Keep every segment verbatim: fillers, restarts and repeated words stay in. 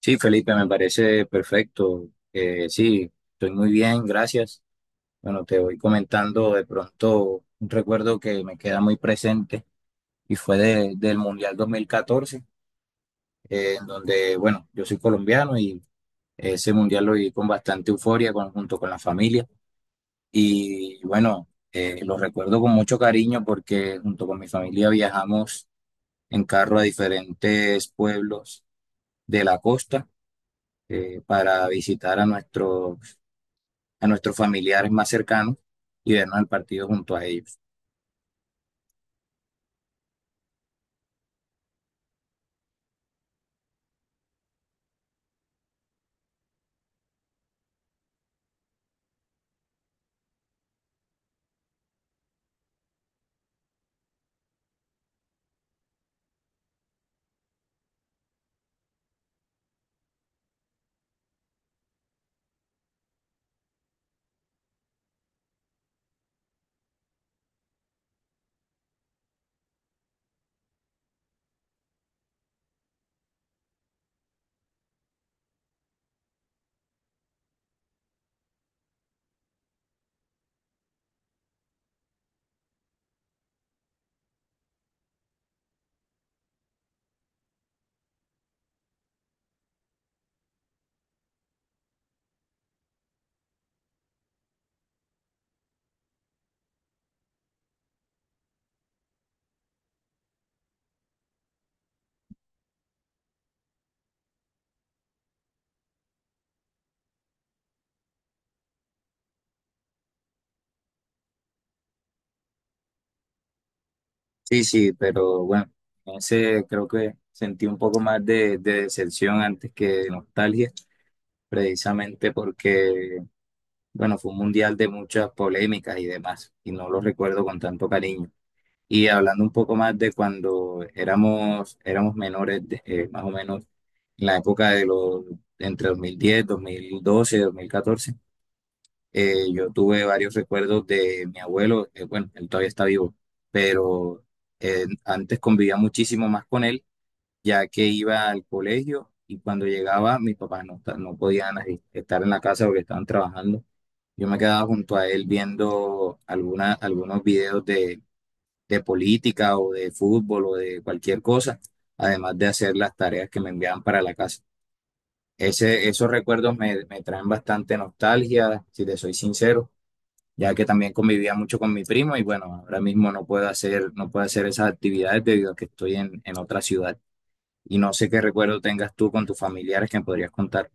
Sí, Felipe, me parece perfecto. Eh, sí, estoy muy bien, gracias. Bueno, te voy comentando de pronto un recuerdo que me queda muy presente y fue de- del Mundial dos mil catorce, eh, en donde, bueno, yo soy colombiano y ese Mundial lo viví con bastante euforia con- junto con la familia. Y bueno, eh, lo recuerdo con mucho cariño porque junto con mi familia viajamos en carro a diferentes pueblos de la costa eh, para visitar a nuestros a nuestros familiares más cercanos y vernos el partido junto a ellos. Sí, sí, pero bueno, ese creo que sentí un poco más de, de decepción antes que de nostalgia, precisamente porque, bueno, fue un mundial de muchas polémicas y demás, y no lo recuerdo con tanto cariño. Y hablando un poco más de cuando éramos, éramos menores, de- eh, más o menos en la época de los, entre dos dos mil mil diez dos mil doce dos mil catorce. Eh, yo tuve varios recuerdos de mi abuelo, eh, bueno, él todavía está vivo, pero eh, antes convivía muchísimo más con él, ya que iba al colegio y cuando llegaba mis papás no, ta- no podían ahí estar en la casa porque estaban trabajando. Yo me quedaba junto a él viendo alguna, algunos videos de, de política o de fútbol o de cualquier cosa, además de hacer las tareas que me enviaban para la casa. Ese, esos recuerdos me, me traen bastante nostalgia, si te soy sincero, ya que también convivía mucho con mi primo y bueno, ahora mismo no puedo hacer, no puedo hacer esas actividades debido a que estoy en, en otra ciudad. Y no sé qué recuerdo tengas tú con tus familiares que me podrías contar.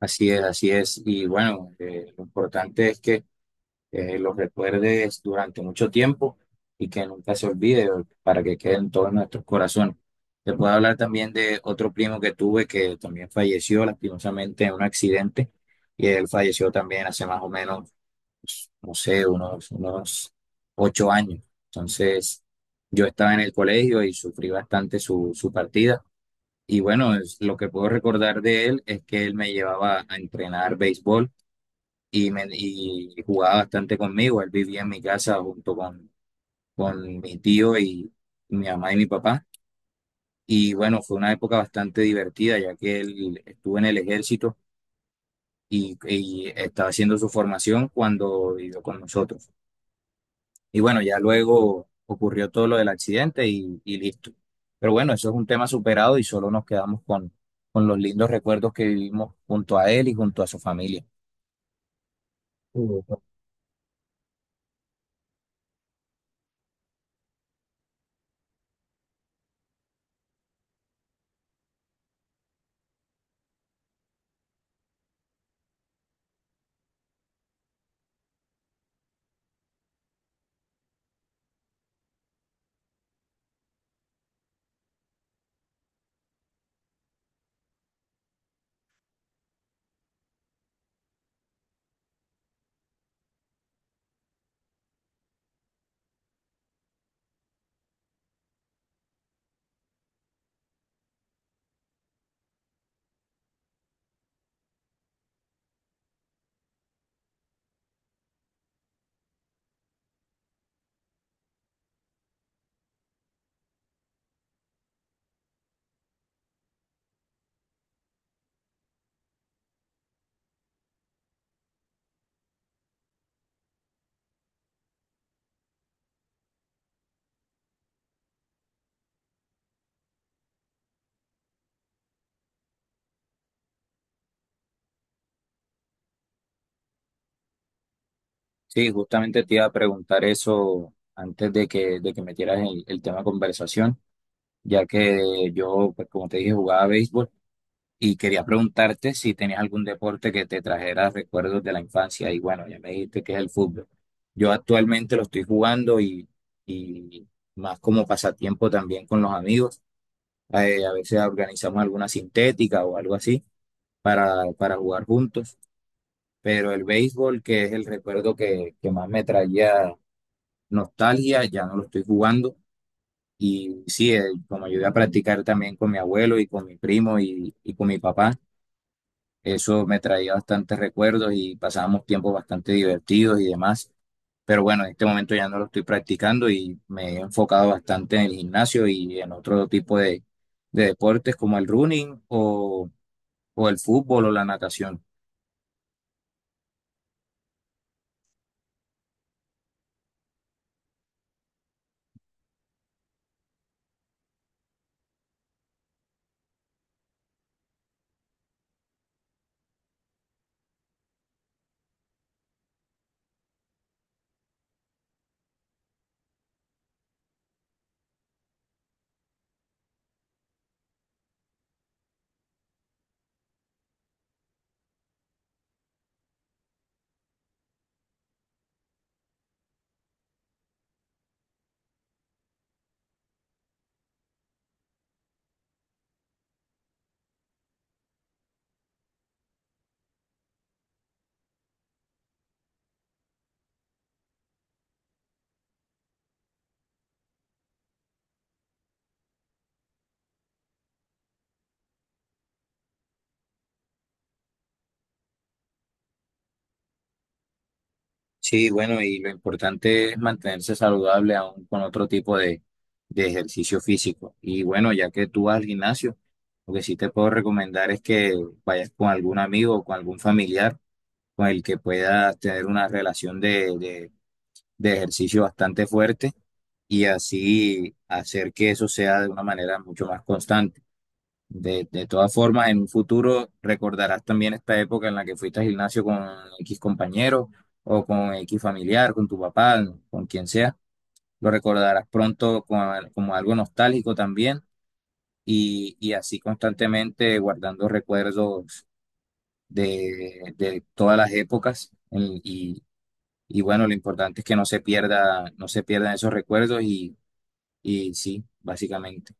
Así es, así es. Y bueno, eh, lo importante es que eh, los recuerdes durante mucho tiempo y que nunca se olvide o- para que queden todos nuestros corazones. Te puedo hablar también de otro primo que tuve que también falleció lastimosamente en un accidente y él falleció también hace más o menos, pues, no sé, unos, unos ocho años. Entonces, yo estaba en el colegio y sufrí bastante su, su partida. Y bueno, es- lo que puedo recordar de él es que él me llevaba a entrenar béisbol y, me, y jugaba bastante conmigo. Él vivía en mi casa junto con, con mi tío y mi mamá y mi papá. Y bueno, fue una época bastante divertida, ya que él estuvo en el ejército y, y estaba haciendo su formación cuando vivió con nosotros. Y bueno, ya luego ocurrió todo lo del accidente y, y listo. Pero bueno, eso es un tema superado y solo nos quedamos con, con los lindos recuerdos que vivimos junto a él y junto a su familia. Ujú. Sí, justamente te iba a preguntar eso antes de que, de que metieras el, el tema de conversación, ya que yo, pues como te dije, jugaba béisbol. Y quería preguntarte si tenías algún deporte que te trajera recuerdos de la infancia. Y bueno, ya me dijiste que es el fútbol. Yo actualmente lo estoy jugando y, y más como pasatiempo también con los amigos. Eh, a veces organizamos alguna sintética o algo así para, para jugar juntos. Pero el béisbol, que es el recuerdo que, que más me traía nostalgia, ya no lo estoy jugando. Y sí, eh, como ayudé a practicar también con mi abuelo y con mi primo y y con mi papá. Eso me traía bastantes recuerdos y pasábamos tiempos bastante divertidos y demás. Pero bueno, en este momento ya no lo estoy practicando y me he enfocado bastante en el gimnasio y en otro tipo de, de deportes como el running o, o el fútbol o la natación. Sí, bueno, y lo importante es mantenerse saludable aún con otro tipo de, de ejercicio físico. Y bueno, ya que tú vas al gimnasio, lo que sí te puedo recomendar es que vayas con algún amigo o con algún familiar con el que puedas tener una relación de, de- de ejercicio bastante fuerte y así hacer que eso sea de una manera mucho más constante. De, de todas formas, en un futuro recordarás también esta época en la que fuiste al gimnasio con X compañero o con X familiar, con tu papá, con quien sea. Lo recordarás pronto con- como algo nostálgico también y, y así constantemente guardando recuerdos de, de todas las épocas en-. Y bueno, lo importante es que no se pierda, no se pierdan esos recuerdos y, y sí, básicamente.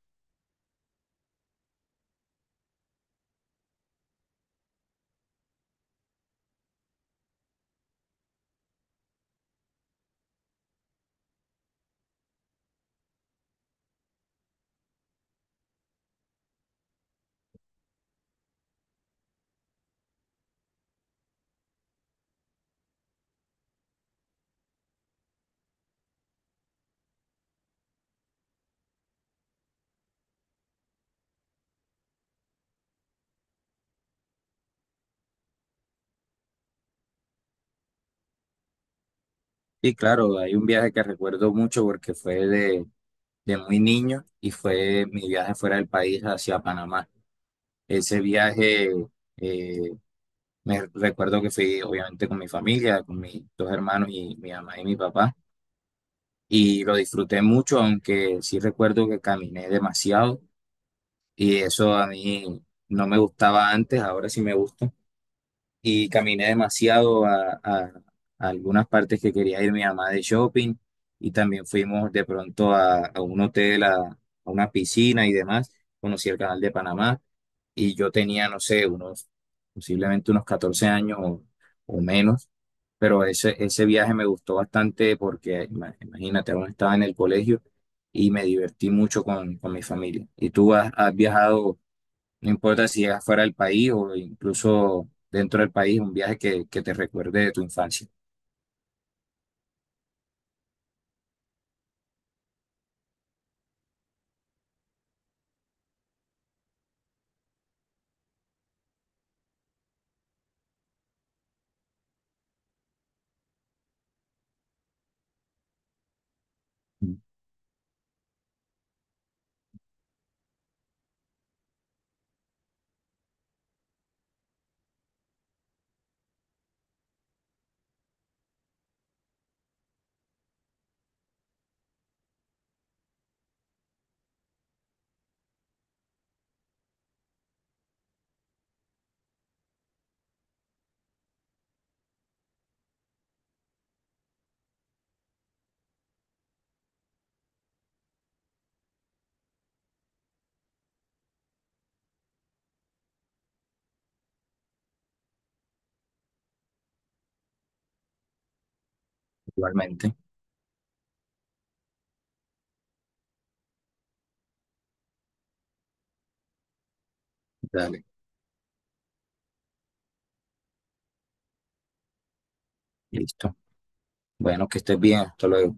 Y claro, hay un viaje que recuerdo mucho porque fue de, de muy niño y fue mi viaje fuera del país hacia Panamá. Ese viaje, eh, me recuerdo que fui obviamente con mi familia, con mis dos hermanos y mi mamá y mi papá. Y lo disfruté mucho, aunque sí recuerdo que caminé demasiado y eso a mí no me gustaba antes, ahora sí me gusta y caminé demasiado a, a- a algunas partes que quería ir mi mamá de shopping y también fuimos de pronto a, a un hotel, a, a una piscina y demás. Conocí el canal de Panamá y yo tenía, no sé, unos, posiblemente unos catorce años o, o menos, pero ese, ese viaje me gustó bastante porque ima- imagínate, aún estaba en el colegio y me divertí mucho con, con mi familia. ¿Y tú has, has viajado? No importa si es fuera del país o incluso dentro del país, un viaje que, que te recuerde de tu infancia. Igualmente. Dale, listo. Bueno, que estés bien. Hasta luego.